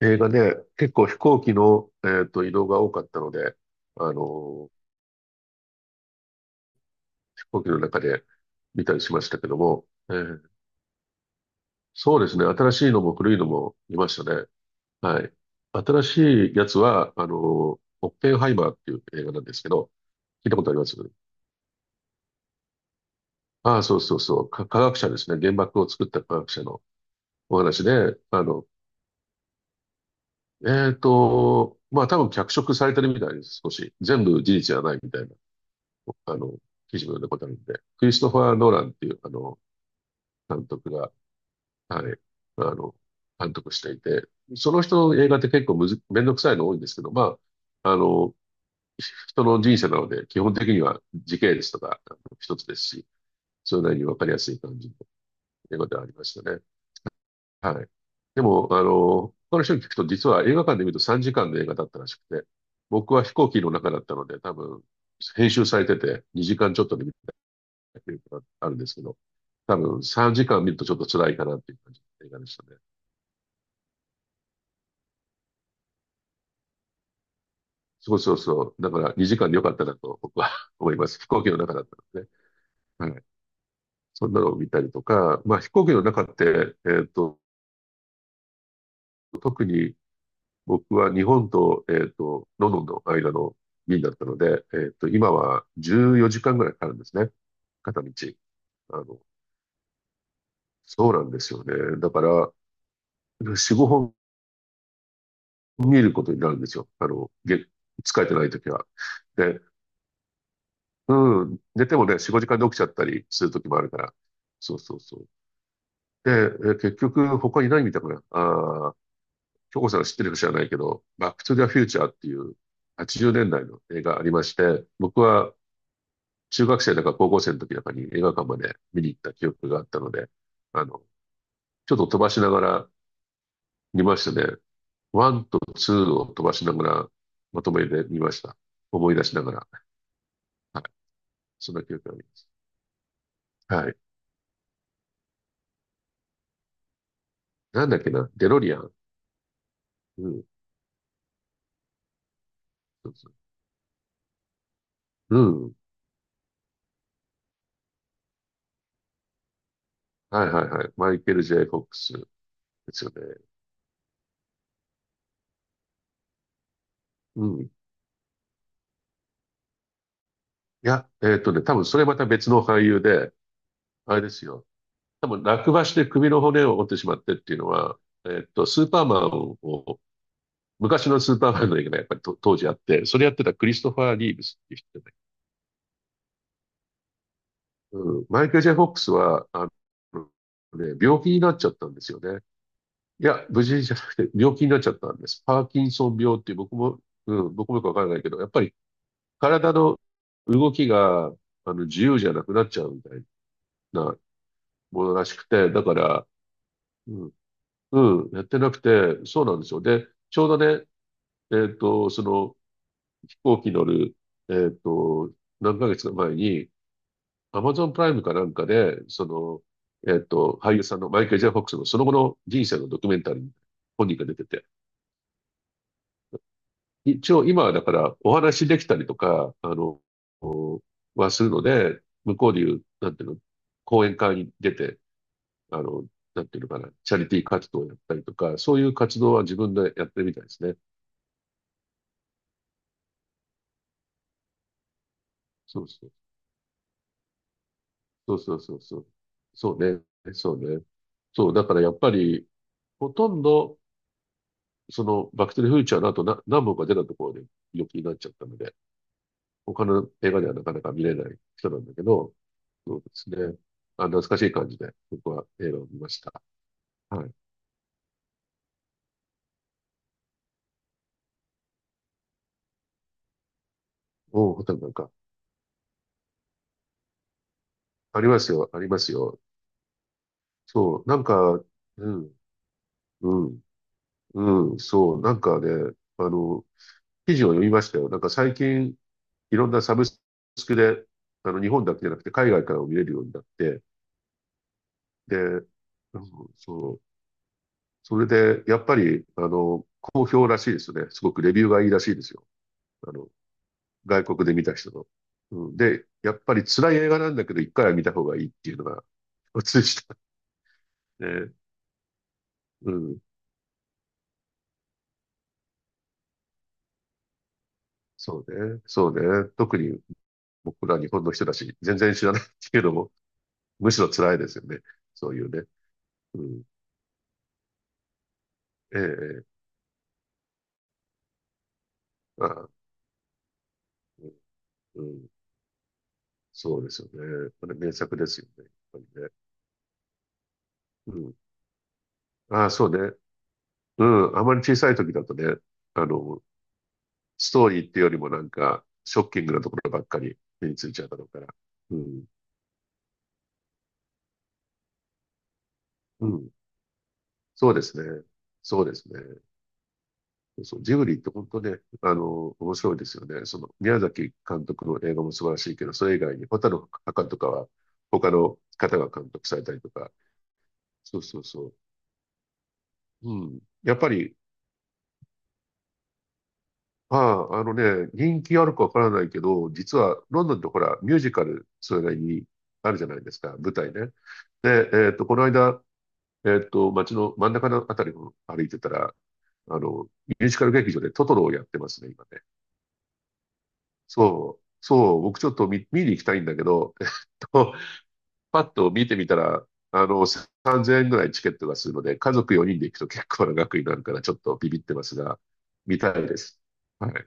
映画ね、結構飛行機の、移動が多かったので、あのー、飛行機の中で見たりしましたけども、そうですね、新しいのも古いのも見ましたね。はい。新しいやつは、オッペンハイマーっていう映画なんですけど、聞いたことあります？ああ、そうそうそう、科学者ですね、原爆を作った科学者のお話で、まあ多分脚色されてるみたいです、少し。全部事実じゃないみたいな。あの、記事も読んだことあるんで、クリストファー・ノーランっていう、監督が、はい、あの、監督していて、その人の映画って結構むず、めんどくさいの多いんですけど、まあ、人の人生なので、基本的には時系列とか一つですし、それなりにわかりやすい感じの映画ではありましたね。はい。でも、他の人に聞くと、実は映画館で見ると3時間の映画だったらしくて、僕は飛行機の中だったので、多分、編集されてて2時間ちょっとで見たっていうのがあるんですけど、多分3時間見るとちょっと辛いかなっていう感じの映画でしたね。そうそうそう。だから2時間でよかったなと僕は 思います。飛行機の中だったのでね。はい。そんなのを見たりとか、まあ飛行機の中って、特に僕は日本と、ロンドンの間の便だったので、今は14時間ぐらいかかるんですね。片道。あの、そうなんですよね。だから、4、5本見ることになるんですよ。疲れてないときは。で、うん。寝てもね、4、5時間で起きちゃったりする時もあるから。そうそうそう。で、結局他いないみたいかな。ああ、京子さんが知ってるか知らないけど、バックトゥザフューチャーっていう80年代の映画ありまして、僕は中学生だか高校生の時なんかに映画館まで見に行った記憶があったので、あの、ちょっと飛ばしながら見ましたね。ワンとツーを飛ばしながらまとめで見ました。思い出しながら。はい。そんな記憶があります。はい。なんだっけな、デロリアン。うん。うん。はいはいはい。マイケル・ジェイ・フォックスですよね。うん。いや、多分それまた別の俳優で、あれですよ。多分落馬して首の骨を折ってしまってっていうのは、スーパーマンを、昔のスーパーマンの映画がねやっぱりと当時あって、それやってたクリストファー・リーブスっていう人で、うん。マイケル・ジェイ・フォックスは、のね、病気になっちゃったんですよね。いや、無事じゃなくて、病気になっちゃったんです。パーキンソン病っていう、僕も、うん、僕もよくわからないけど、やっぱり体の動きが、自由じゃなくなっちゃうみたいなものらしくて、だから、うん、うん、やってなくて、そうなんですよ。で、ちょうどね、えっと、その、飛行機乗る、えっと、何ヶ月か前に、アマゾンプライムかなんかで、俳優さんのマイケル・ジェイ・フォックスのその後の人生のドキュメンタリー、本人が出てて、一応今はだからお話できたりとか、おはするので、向こうでいう、なんていうの、講演会に出て、あの、なんていうのかな、チャリティー活動をやったりとか、そういう活動は自分でやってるみたいですね。そうそう。そうそうそうそう。そうね。そうね。そう、だからやっぱり、ほとんど、バックトゥザフューチャーの後な、何本か出たところで病気になっちゃったので、他の映画ではなかなか見れない人なんだけど、そうですね。あ、懐かしい感じで、僕は映画を見ました。はい。おう、ホタルなんか、ありますよ、ありますよ。そう、なんか、うん、うん、うん、そう、なんかね、記事を読みましたよ。なんか最近、いろんなサブスクで、日本だけじゃなくて海外からも見れるようになって、で、うんそう、それで、やっぱり、好評らしいですね。すごくレビューがいいらしいですよ。あの、外国で見た人の。うん、で、やっぱり辛い映画なんだけど、一回は見た方がいいっていうのが共 通でした。ね。うん。そうね。そうね。特に僕ら日本の人だし、全然知らないっていうのも、むしろ辛いですよね。そういうね。うん。ええ、ええああ、うん、うんそうですよね。これ名作ですよね。やっぱりね。うん。ああ、そうね。うん。あまり小さい時だとね、あの、ストーリーっていうよりもなんか、ショッキングなところばっかり目についちゃうだろうから。うん。うん。そうですね。そうですね。そう、ジブリって本当ね、面白いですよね。宮崎監督の映画も素晴らしいけど、それ以外に、ホタルの墓とかは、他の方が監督されたりとか。そうそうそう。うん。やっぱり、まあ、人気あるかわからないけど、実は、ロンドンってほら、ミュージカル、それなりにあるじゃないですか、舞台ね。で、この間、街の真ん中のあたりを歩いてたら、ミュージカル劇場でトトロをやってますね、今ね。そう、そう、僕ちょっと見に行きたいんだけど、と、パッと見てみたら、3000円ぐらいチケットがするので、家族4人で行くと結構な額になるから、ちょっとビビってますが、見たいです。はい。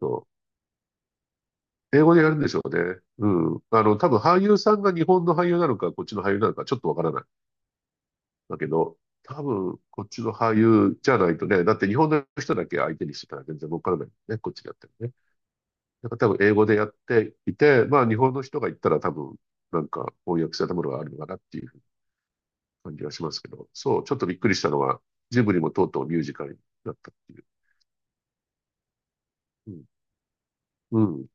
そう。英語でやるんでしょうね。うん。多分俳優さんが日本の俳優なのか、こっちの俳優なのか、ちょっとわからない。だけど、多分、こっちの俳優じゃないとね、だって日本の人だけ相手にしてたら全然わからないね、こっちでやってもね。なんか多分英語でやっていて、まあ日本の人が言ったら多分なんか翻訳されたものがあるのかなっていう感じがしますけど、そう、ちょっとびっくりしたのは、ジブリもとうとうミュージカルになったっていう。うん。うん。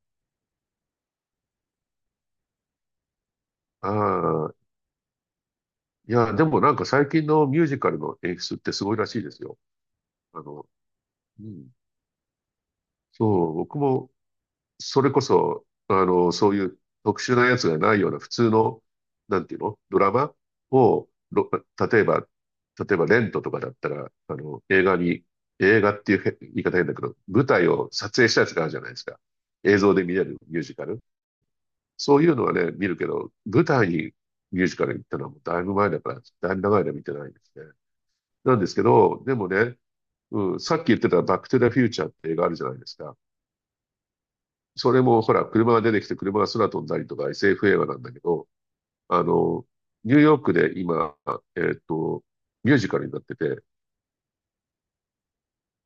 ああ、いや、でもなんか最近のミュージカルの演出ってすごいらしいですよ。あの、うん。そう、僕もそれこそ、そういう特殊なやつがないような普通の、なんていうのドラマを、例えば、例えばレントとかだったら、映画っていう言い方変だけど、舞台を撮影したやつがあるじゃないですか。映像で見れるミュージカル。そういうのはね、見るけど、舞台にミュージカル行ったのはもうだいぶ前だから、だいぶ長い間見てないんですね。なんですけど、でもね、うん、さっき言ってたバックトゥザフューチャーって映画あるじゃないですか。それもほら、車が出てきて車が空飛んだりとか SF 映画なんだけど、あの、ニューヨークで今、えーっと、ミュージカルになってて、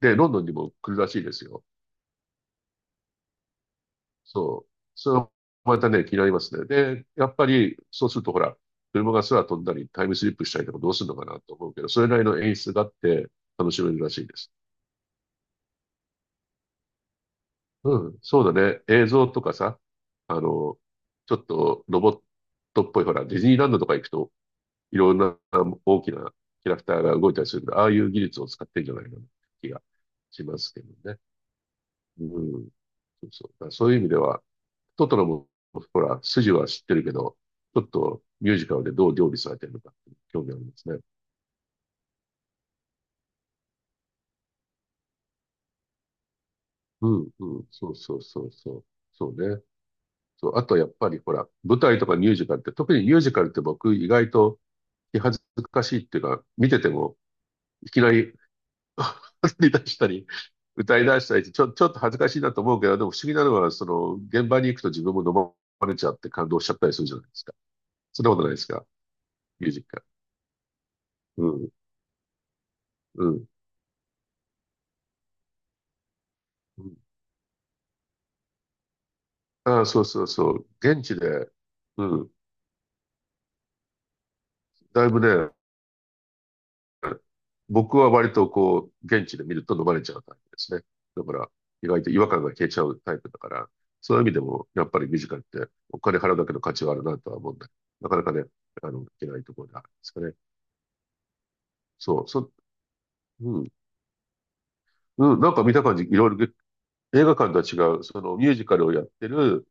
で、ロンドンにも来るらしいですよ。そう。それはまたね、気になりますね。で、やっぱり、そうするとほら、車が空飛んだり、タイムスリップしたりとかどうするのかなと思うけど、それなりの演出があって楽しめるらしいです。うん、そうだね。映像とかさ、あの、ちょっとロボットっぽい、ほら、ディズニーランドとか行くといろんな大きなキャラクターが動いたりするんで、ああいう技術を使ってるんじゃないかな気がしますけどね。うん。そうそう。だからそういう意味では、トトロも、ほら、筋は知ってるけど、ちょっとミュージカルでどう料理されてるのかって興味ありますね。うん、うん、そうそうそうそう。そうね。そう、あとやっぱりほら、舞台とかミュージカルって、特にミュージカルって僕意外と気恥ずかしいっていうか、見ててもいきなり 踊り出したり、歌い出したりって、ちょっと恥ずかしいなと思うけど、でも不思議なのは、その、現場に行くと自分も飲まれちゃって感動しちゃったりするじゃないですか。そんなことないですか。ミュージックが。うん、うん。うん、ああ、そうそうそう。現地で、うん。だいぶね、僕は割とこう、現地で見ると飲まれちゃうタイプですね。だから、意外と違和感が消えちゃうタイプだから、そういう意味でも、やっぱりミュージカルってお金払うだけの価値はあるなとは思うんだけど、なかなかね、いけないところであるんですかね。そう、そ、うん。うん、なんか見た感じ、いろいろ映画館とは違う、そのミュージカルをやってる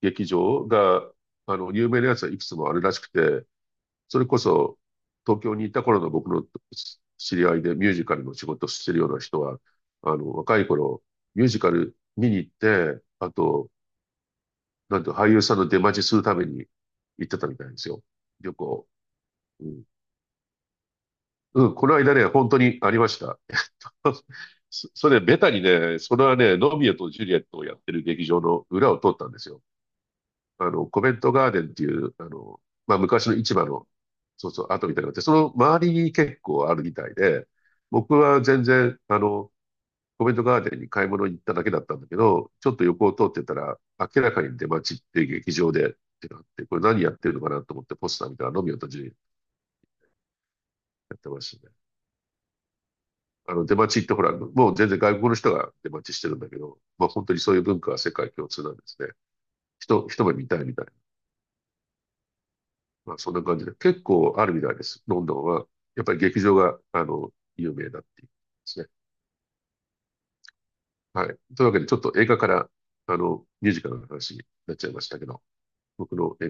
劇場が、有名なやつはいくつもあるらしくて、それこそ東京にいた頃の僕の知り合いでミュージカルの仕事をしてるような人は、若い頃、ミュージカル見に行って、あと、なんて俳優さんの出待ちするために行ってたみたいですよ。旅行。うん。うん、この間ね、本当にありました。そ それ、ベタにね、それはね、ロミオとジュリエットをやってる劇場の裏を通ったんですよ。コベントガーデンっていう、まあ、昔の市場の、そうそう、跡みたいなのがあって、その周りに結構あるみたいで、僕は全然、コベントガーデンに買い物に行っただけだったんだけど、ちょっと横を通ってたら、明らかに出待ちっていう劇場でってなって、これ何やってるのかなと思ってポスター見たら、ロミオとジュリエットやってましたね。出待ちってほら、もう全然外国の人が出待ちしてるんだけど、まあ本当にそういう文化は世界共通なんですね。人、一目見たいみたいな。まあそんな感じで、結構あるみたいです。ロンドンは。やっぱり劇場が、有名だっていうですね。はい。というわけで、ちょっと映画から、ミュージカルの話になっちゃいましたけど、僕の